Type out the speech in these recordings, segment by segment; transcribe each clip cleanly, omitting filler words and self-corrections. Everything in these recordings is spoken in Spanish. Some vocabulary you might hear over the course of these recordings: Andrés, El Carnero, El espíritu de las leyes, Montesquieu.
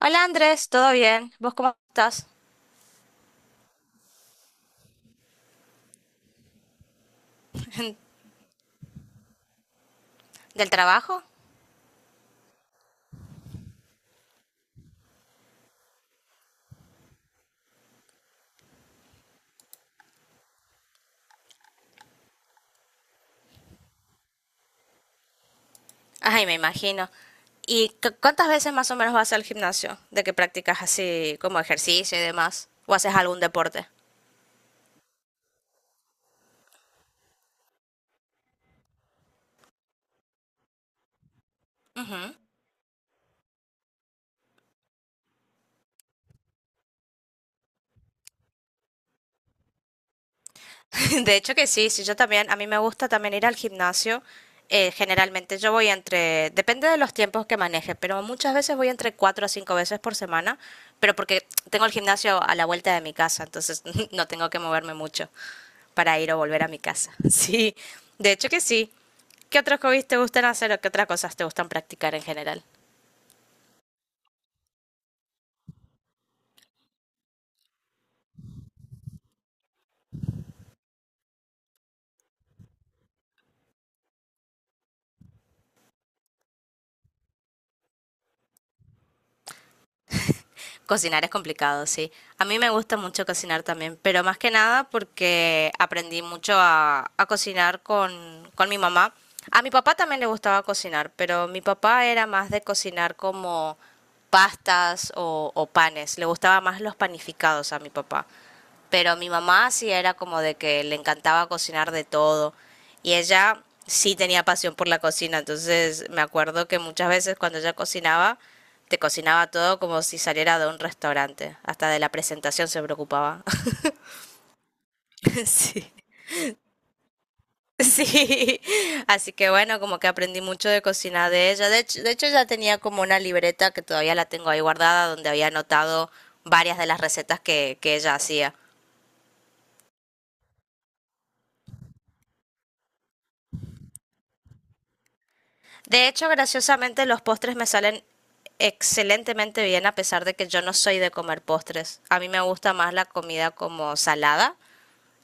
Hola Andrés, ¿todo bien? ¿Vos cómo estás? ¿Del trabajo? Ay, me imagino. ¿Y cuántas veces más o menos vas al gimnasio? ¿De que practicas así como ejercicio y demás? ¿O haces algún deporte? Ujú. De hecho que sí, sí, yo también, a mí me gusta también ir al gimnasio. Generalmente yo voy entre, depende de los tiempos que maneje, pero muchas veces voy entre cuatro a cinco veces por semana, pero porque tengo el gimnasio a la vuelta de mi casa, entonces no tengo que moverme mucho para ir o volver a mi casa. Sí, de hecho que sí. ¿Qué otros hobbies te gustan hacer o qué otras cosas te gustan practicar en general? Cocinar es complicado, sí. A mí me gusta mucho cocinar también, pero más que nada porque aprendí mucho a cocinar con mi mamá. A mi papá también le gustaba cocinar, pero mi papá era más de cocinar como pastas o panes. Le gustaba más los panificados a mi papá. Pero mi mamá sí era como de que le encantaba cocinar de todo. Y ella sí tenía pasión por la cocina. Entonces me acuerdo que muchas veces cuando ella cocinaba, te cocinaba todo como si saliera de un restaurante. Hasta de la presentación se preocupaba. Sí. Sí, así que bueno, como que aprendí mucho de cocina de ella. De hecho, ya tenía como una libreta que todavía la tengo ahí guardada, donde había anotado varias de las recetas que ella hacía. De hecho, graciosamente, los postres me salen excelentemente bien a pesar de que yo no soy de comer postres. A mí me gusta más la comida como salada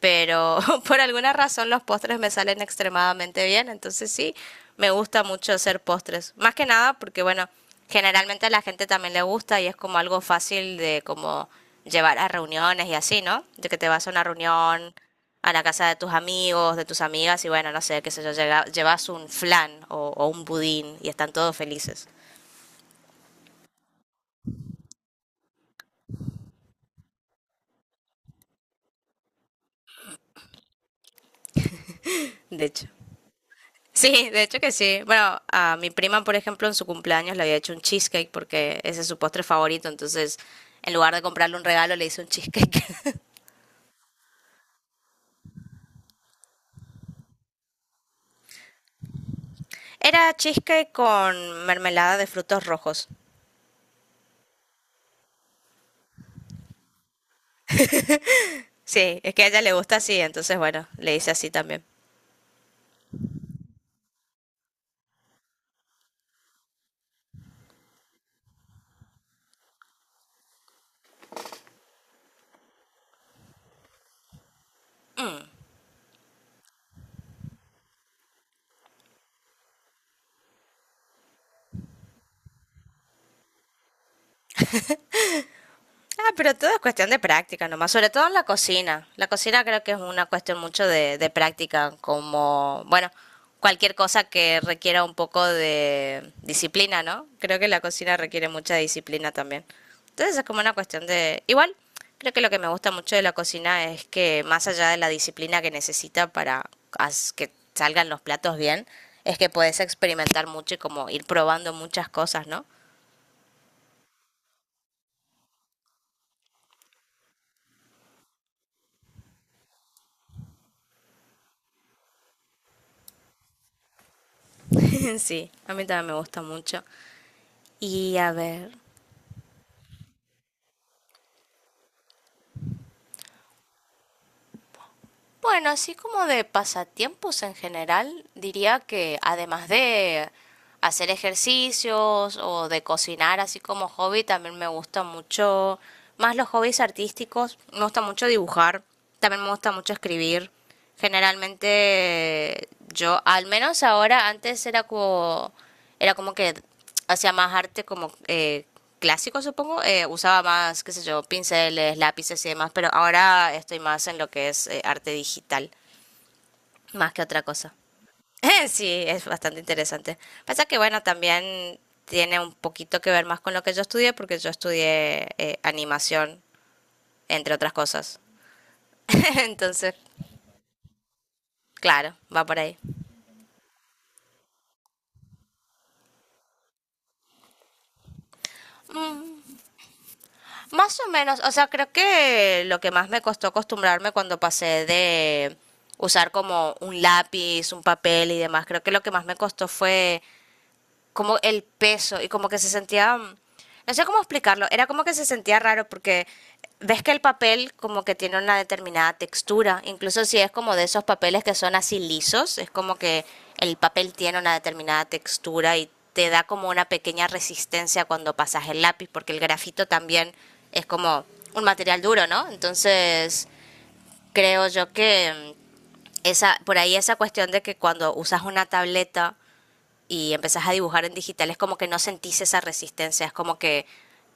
pero por alguna razón los postres me salen extremadamente bien, entonces sí, me gusta mucho hacer postres, más que nada porque bueno, generalmente a la gente también le gusta y es como algo fácil de como llevar a reuniones y así, ¿no? De que te vas a una reunión a la casa de tus amigos, de tus amigas y bueno, no sé, qué sé yo, llevas un flan o un budín y están todos felices, de hecho. Sí, de hecho que sí. Bueno, a mi prima, por ejemplo, en su cumpleaños le había hecho un cheesecake porque ese es su postre favorito, entonces en lugar de comprarle un regalo le hice un cheesecake. Era cheesecake con mermelada de frutos rojos. Sí, es que a ella le gusta así, entonces bueno, le hice así también. Ah, pero todo es cuestión de práctica nomás, sobre todo en la cocina. La cocina creo que es una cuestión mucho de práctica, como, bueno, cualquier cosa que requiera un poco de disciplina, ¿no? Creo que la cocina requiere mucha disciplina también. Entonces es como una cuestión de… Igual, creo que lo que me gusta mucho de la cocina es que más allá de la disciplina que necesita para que salgan los platos bien, es que puedes experimentar mucho y como ir probando muchas cosas, ¿no? Sí, a mí también me gusta mucho. Y a ver, bueno, así como de pasatiempos en general, diría que además de hacer ejercicios o de cocinar así como hobby, también me gusta mucho, más los hobbies artísticos, me gusta mucho dibujar, también me gusta mucho escribir. Generalmente yo, al menos ahora, antes era como que hacía más arte como clásico, supongo. Usaba más, qué sé yo, pinceles, lápices y demás, pero ahora estoy más en lo que es arte digital, más que otra cosa. Sí, es bastante interesante. Pasa que, bueno, también tiene un poquito que ver más con lo que yo estudié, porque yo estudié animación, entre otras cosas. Entonces, claro, va por ahí. Más o menos, o sea, creo que lo que más me costó acostumbrarme cuando pasé de usar como un lápiz, un papel y demás, creo que lo que más me costó fue como el peso y como que se sentía, no sé cómo explicarlo, era como que se sentía raro porque ves que el papel como que tiene una determinada textura, incluso si es como de esos papeles que son así lisos, es como que el papel tiene una determinada textura y te da como una pequeña resistencia cuando pasas el lápiz, porque el grafito también es como un material duro, ¿no? Entonces, creo yo que esa, por ahí esa cuestión de que cuando usas una tableta y empezás a dibujar en digital, es como que no sentís esa resistencia, es como que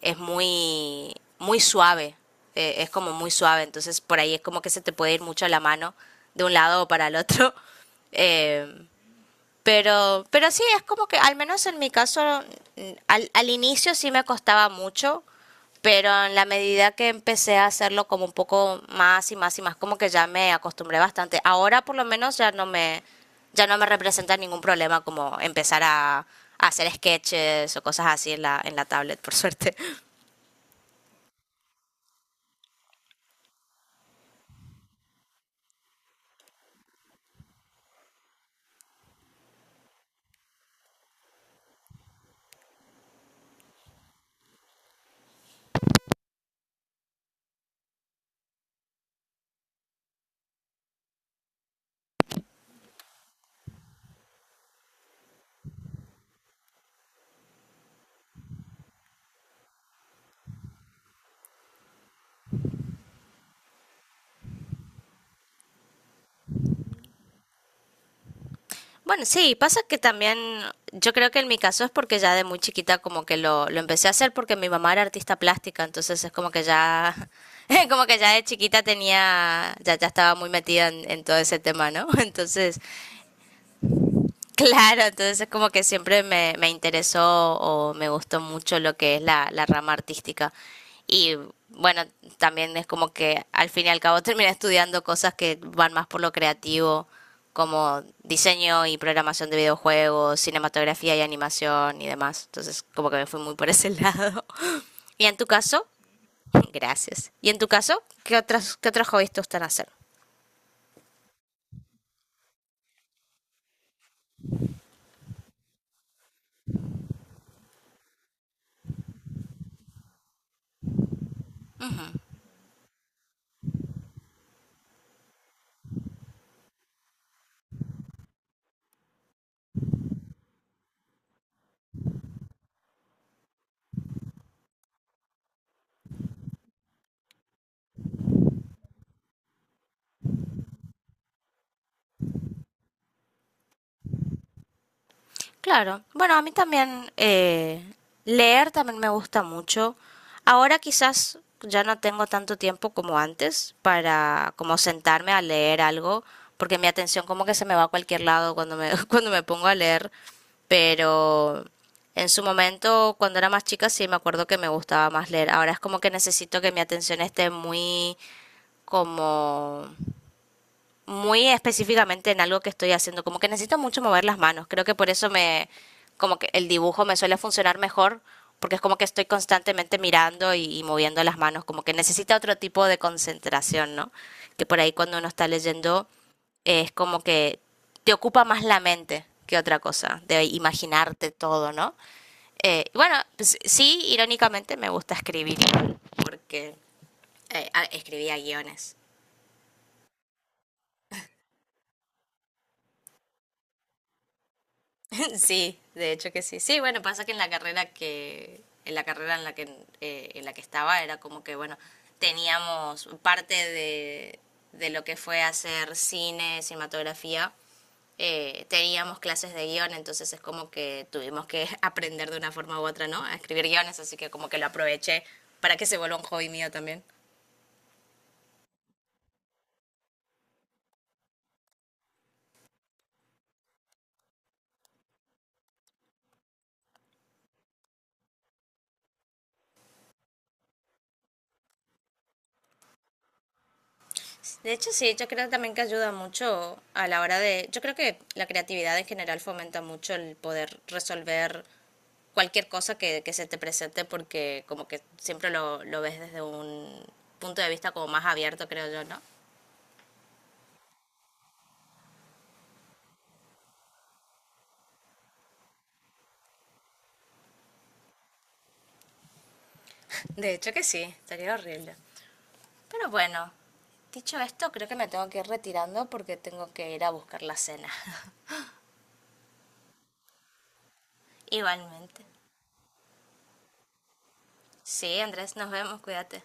es muy, muy suave, es como muy suave, entonces por ahí es como que se te puede ir mucho la mano de un lado o para el otro. Eh, pero sí, es como que al menos en mi caso, al inicio sí me costaba mucho, pero en la medida que empecé a hacerlo como un poco más y más y más, como que ya me acostumbré bastante. Ahora por lo menos ya no me representa ningún problema como empezar a hacer sketches o cosas así en en la tablet, por suerte. Bueno, sí, pasa que también yo creo que en mi caso es porque ya de muy chiquita como que lo empecé a hacer porque mi mamá era artista plástica, entonces es como que ya, como que ya de chiquita tenía, ya, ya estaba muy metida en todo ese tema, ¿no? Entonces claro, entonces es como que siempre me, me interesó o me gustó mucho lo que es la rama artística. Y bueno, también es como que al fin y al cabo terminé estudiando cosas que van más por lo creativo, como diseño y programación de videojuegos, cinematografía y animación y demás. Entonces como que me fui muy por ese lado. ¿Y en tu caso? Gracias. ¿Y en tu caso? ¿Qué otras, qué otros hobbies te gustan hacer? Claro, bueno, a mí también leer también me gusta mucho. Ahora quizás ya no tengo tanto tiempo como antes para como sentarme a leer algo, porque mi atención como que se me va a cualquier lado cuando me, cuando me pongo a leer, pero en su momento, cuando era más chica, sí me acuerdo que me gustaba más leer. Ahora es como que necesito que mi atención esté muy como muy específicamente en algo que estoy haciendo, como que necesito mucho mover las manos, creo que por eso me, como que el dibujo me suele funcionar mejor, porque es como que estoy constantemente mirando y moviendo las manos, como que necesita otro tipo de concentración, ¿no? Que por ahí cuando uno está leyendo es como que te ocupa más la mente que otra cosa, de imaginarte todo, ¿no? Y bueno, pues, sí, irónicamente me gusta escribir, porque escribía guiones. Sí, de hecho que sí. Sí, bueno, pasa que en la carrera que en la carrera en la que estaba era como que bueno, teníamos parte de lo que fue hacer cine, cinematografía, teníamos clases de guión, entonces es como que tuvimos que aprender de una forma u otra, ¿no? A escribir guiones, así que como que lo aproveché para que se vuelva un hobby mío también. De hecho, sí, yo creo también que ayuda mucho a la hora de… Yo creo que la creatividad en general fomenta mucho el poder resolver cualquier cosa que se te presente porque como que siempre lo ves desde un punto de vista como más abierto, creo yo, ¿no? De hecho que sí, estaría horrible. Pero bueno, dicho esto, creo que me tengo que ir retirando porque tengo que ir a buscar la cena. Igualmente. Sí, Andrés, nos vemos, cuídate.